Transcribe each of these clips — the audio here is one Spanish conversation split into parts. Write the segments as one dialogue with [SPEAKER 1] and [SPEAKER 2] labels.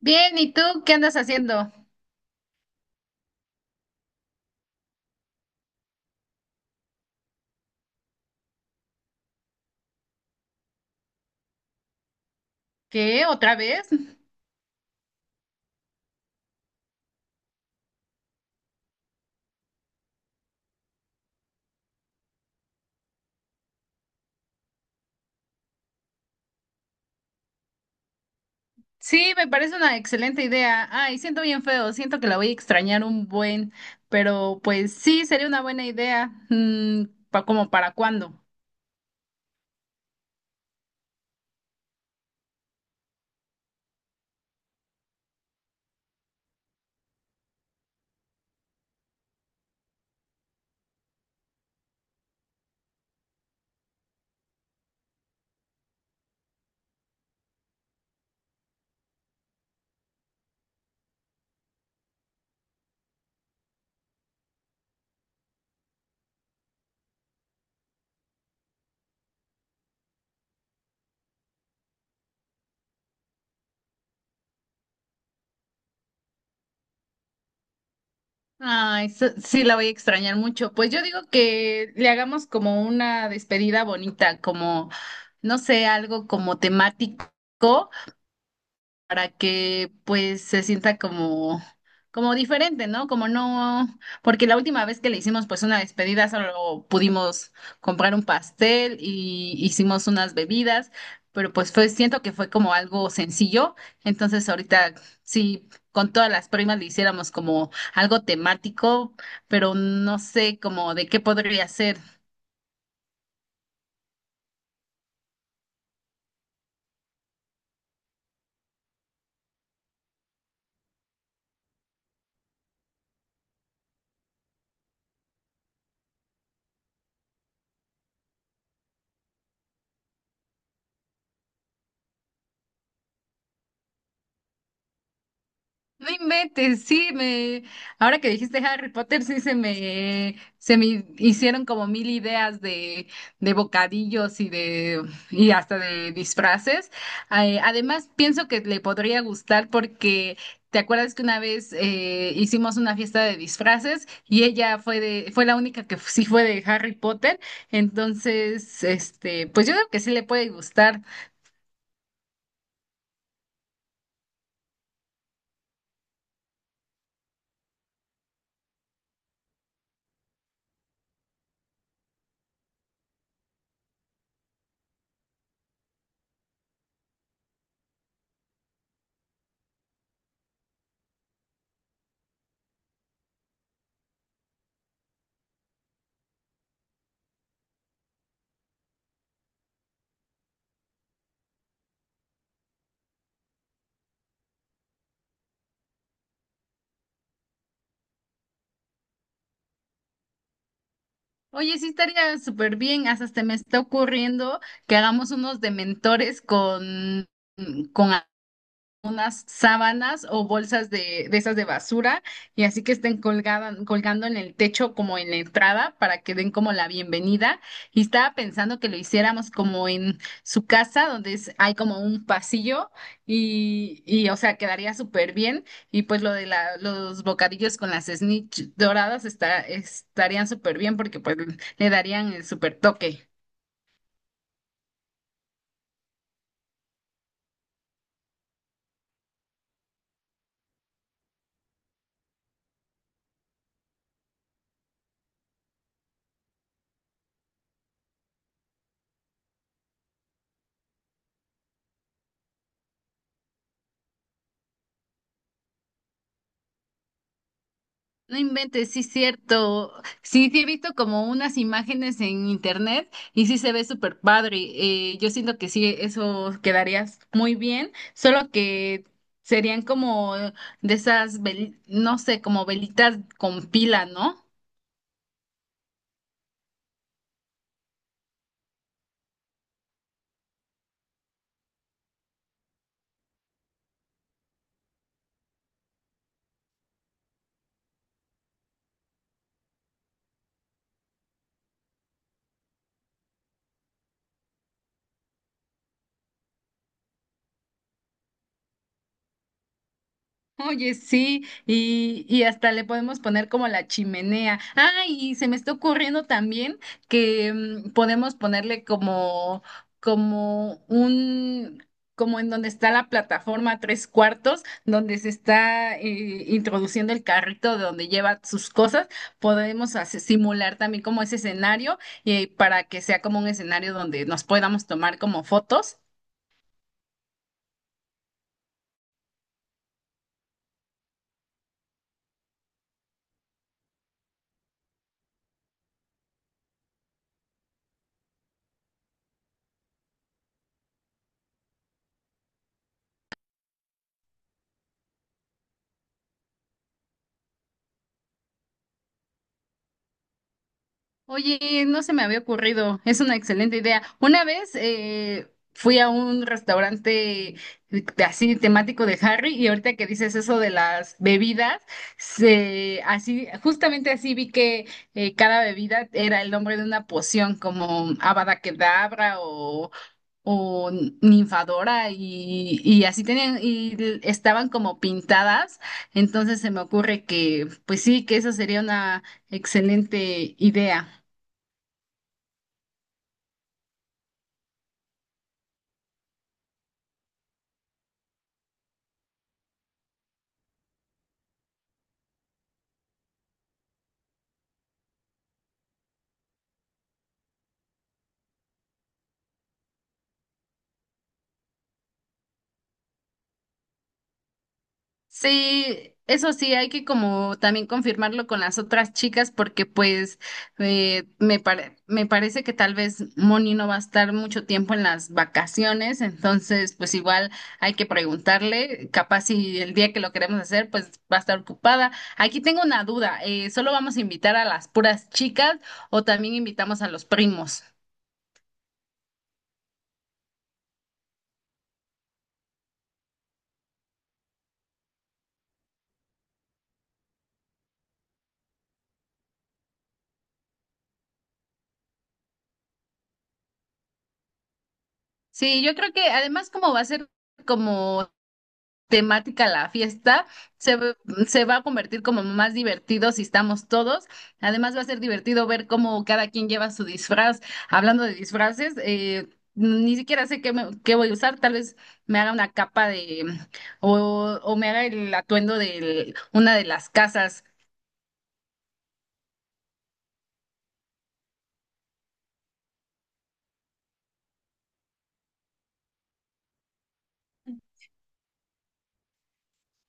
[SPEAKER 1] Bien, ¿y tú qué andas haciendo? ¿Qué? ¿Otra vez? Sí, me parece una excelente idea. Ay, siento bien feo, siento que la voy a extrañar un buen, pero pues sí, sería una buena idea. ¿Como para cuándo? Ay, sí, la voy a extrañar mucho. Pues yo digo que le hagamos como una despedida bonita, como, no sé, algo como temático, para que pues se sienta como, como diferente, ¿no? Como no, porque la última vez que le hicimos pues una despedida solo pudimos comprar un pastel y hicimos unas bebidas, pero pues fue, siento que fue como algo sencillo, entonces ahorita sí. Con todas las primas le hiciéramos como algo temático, pero no sé como de qué podría ser. No inventes, sí, me, ahora que dijiste Harry Potter, se me hicieron como mil ideas de bocadillos y y hasta de disfraces. Además, pienso que le podría gustar porque te acuerdas que una vez hicimos una fiesta de disfraces y fue la única que sí fue de Harry Potter. Entonces, pues yo creo que sí le puede gustar. Oye, sí estaría súper bien. Hasta se me está ocurriendo que hagamos unos dementores con unas sábanas o de esas de basura y así que estén colgadas, colgando en el techo como en la entrada para que den como la bienvenida. Y estaba pensando que lo hiciéramos como en su casa donde hay como un pasillo y o sea, quedaría súper bien. Y pues los bocadillos con las snitch doradas estarían súper bien porque pues le darían el súper toque. No inventes, sí es cierto. Sí, sí he visto como unas imágenes en internet y sí se ve súper padre. Yo siento que sí, eso quedaría muy bien, solo que serían como de esas, no sé, como velitas con pila, ¿no? Oye, sí, y hasta le podemos poner como la chimenea. Ah, y se me está ocurriendo también que podemos ponerle como, como un, como en donde está la plataforma tres cuartos, donde se está introduciendo el carrito de donde lleva sus cosas, simular también como ese escenario para que sea como un escenario donde nos podamos tomar como fotos. Oye, no se me había ocurrido, es una excelente idea. Una vez fui a un restaurante así temático de Harry y ahorita que dices eso de las bebidas, se, así, justamente así vi que cada bebida era el nombre de una poción como Avada Kedavra o Ninfadora y así tenían y estaban como pintadas, entonces se me ocurre que pues sí, que esa sería una excelente idea. Sí, eso sí, hay que como también confirmarlo con las otras chicas porque pues me parece que tal vez Moni no va a estar mucho tiempo en las vacaciones, entonces pues igual hay que preguntarle, capaz si el día que lo queremos hacer pues va a estar ocupada. Aquí tengo una duda, ¿solo vamos a invitar a las puras chicas o también invitamos a los primos? Sí, yo creo que además como va a ser como temática la fiesta, se, ve- se va a convertir como más divertido si estamos todos. Además va a ser divertido ver cómo cada quien lleva su disfraz. Hablando de disfraces, ni siquiera sé qué voy a usar. Tal vez me haga una capa de o me haga el atuendo de una de las casas.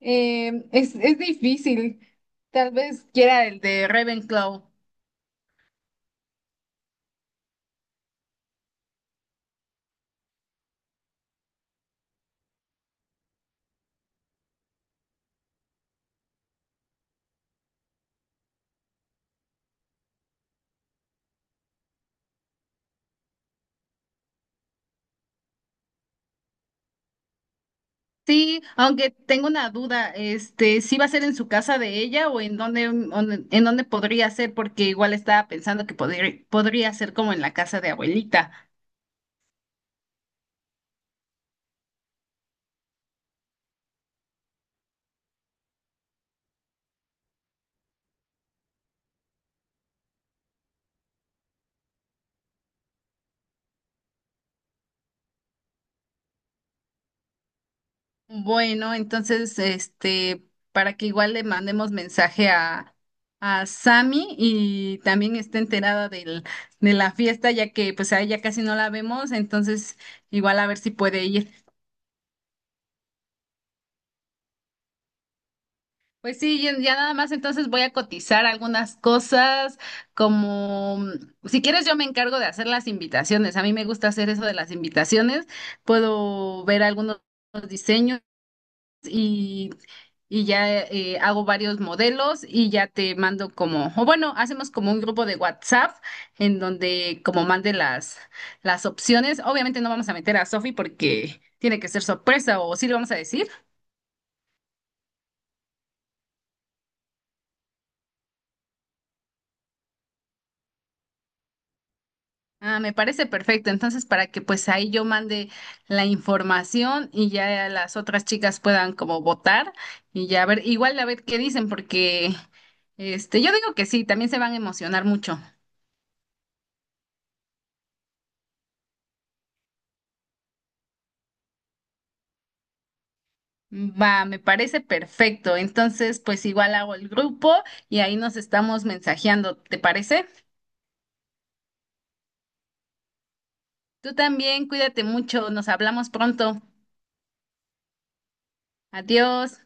[SPEAKER 1] Es difícil. Tal vez quiera el de Ravenclaw. Sí, aunque tengo una duda, ¿sí va a ser en su casa de ella o en en dónde podría ser? Porque igual estaba pensando que podría ser como en la casa de abuelita. Bueno, entonces, para que igual le mandemos mensaje a Sammy y también esté enterada de la fiesta, ya que pues a ella casi no la vemos, entonces igual a ver si puede ir. Pues sí, ya nada más entonces voy a cotizar algunas cosas, como si quieres yo me encargo de hacer las invitaciones. A mí me gusta hacer eso de las invitaciones. Puedo ver algunos diseños y, y ya hago varios modelos y ya te mando como, o bueno, hacemos como un grupo de WhatsApp en donde como las opciones. Obviamente no vamos a meter a Sofi porque tiene que ser sorpresa o sí le vamos a decir. Ah, me parece perfecto. Entonces, para que pues ahí yo mande la información y ya las otras chicas puedan como votar y ya ver, igual a ver qué dicen, porque yo digo que sí, también se van a emocionar mucho. Va, me parece perfecto. Entonces, pues igual hago el grupo y ahí nos estamos mensajeando, ¿te parece? Tú también, cuídate mucho, nos hablamos pronto. Adiós.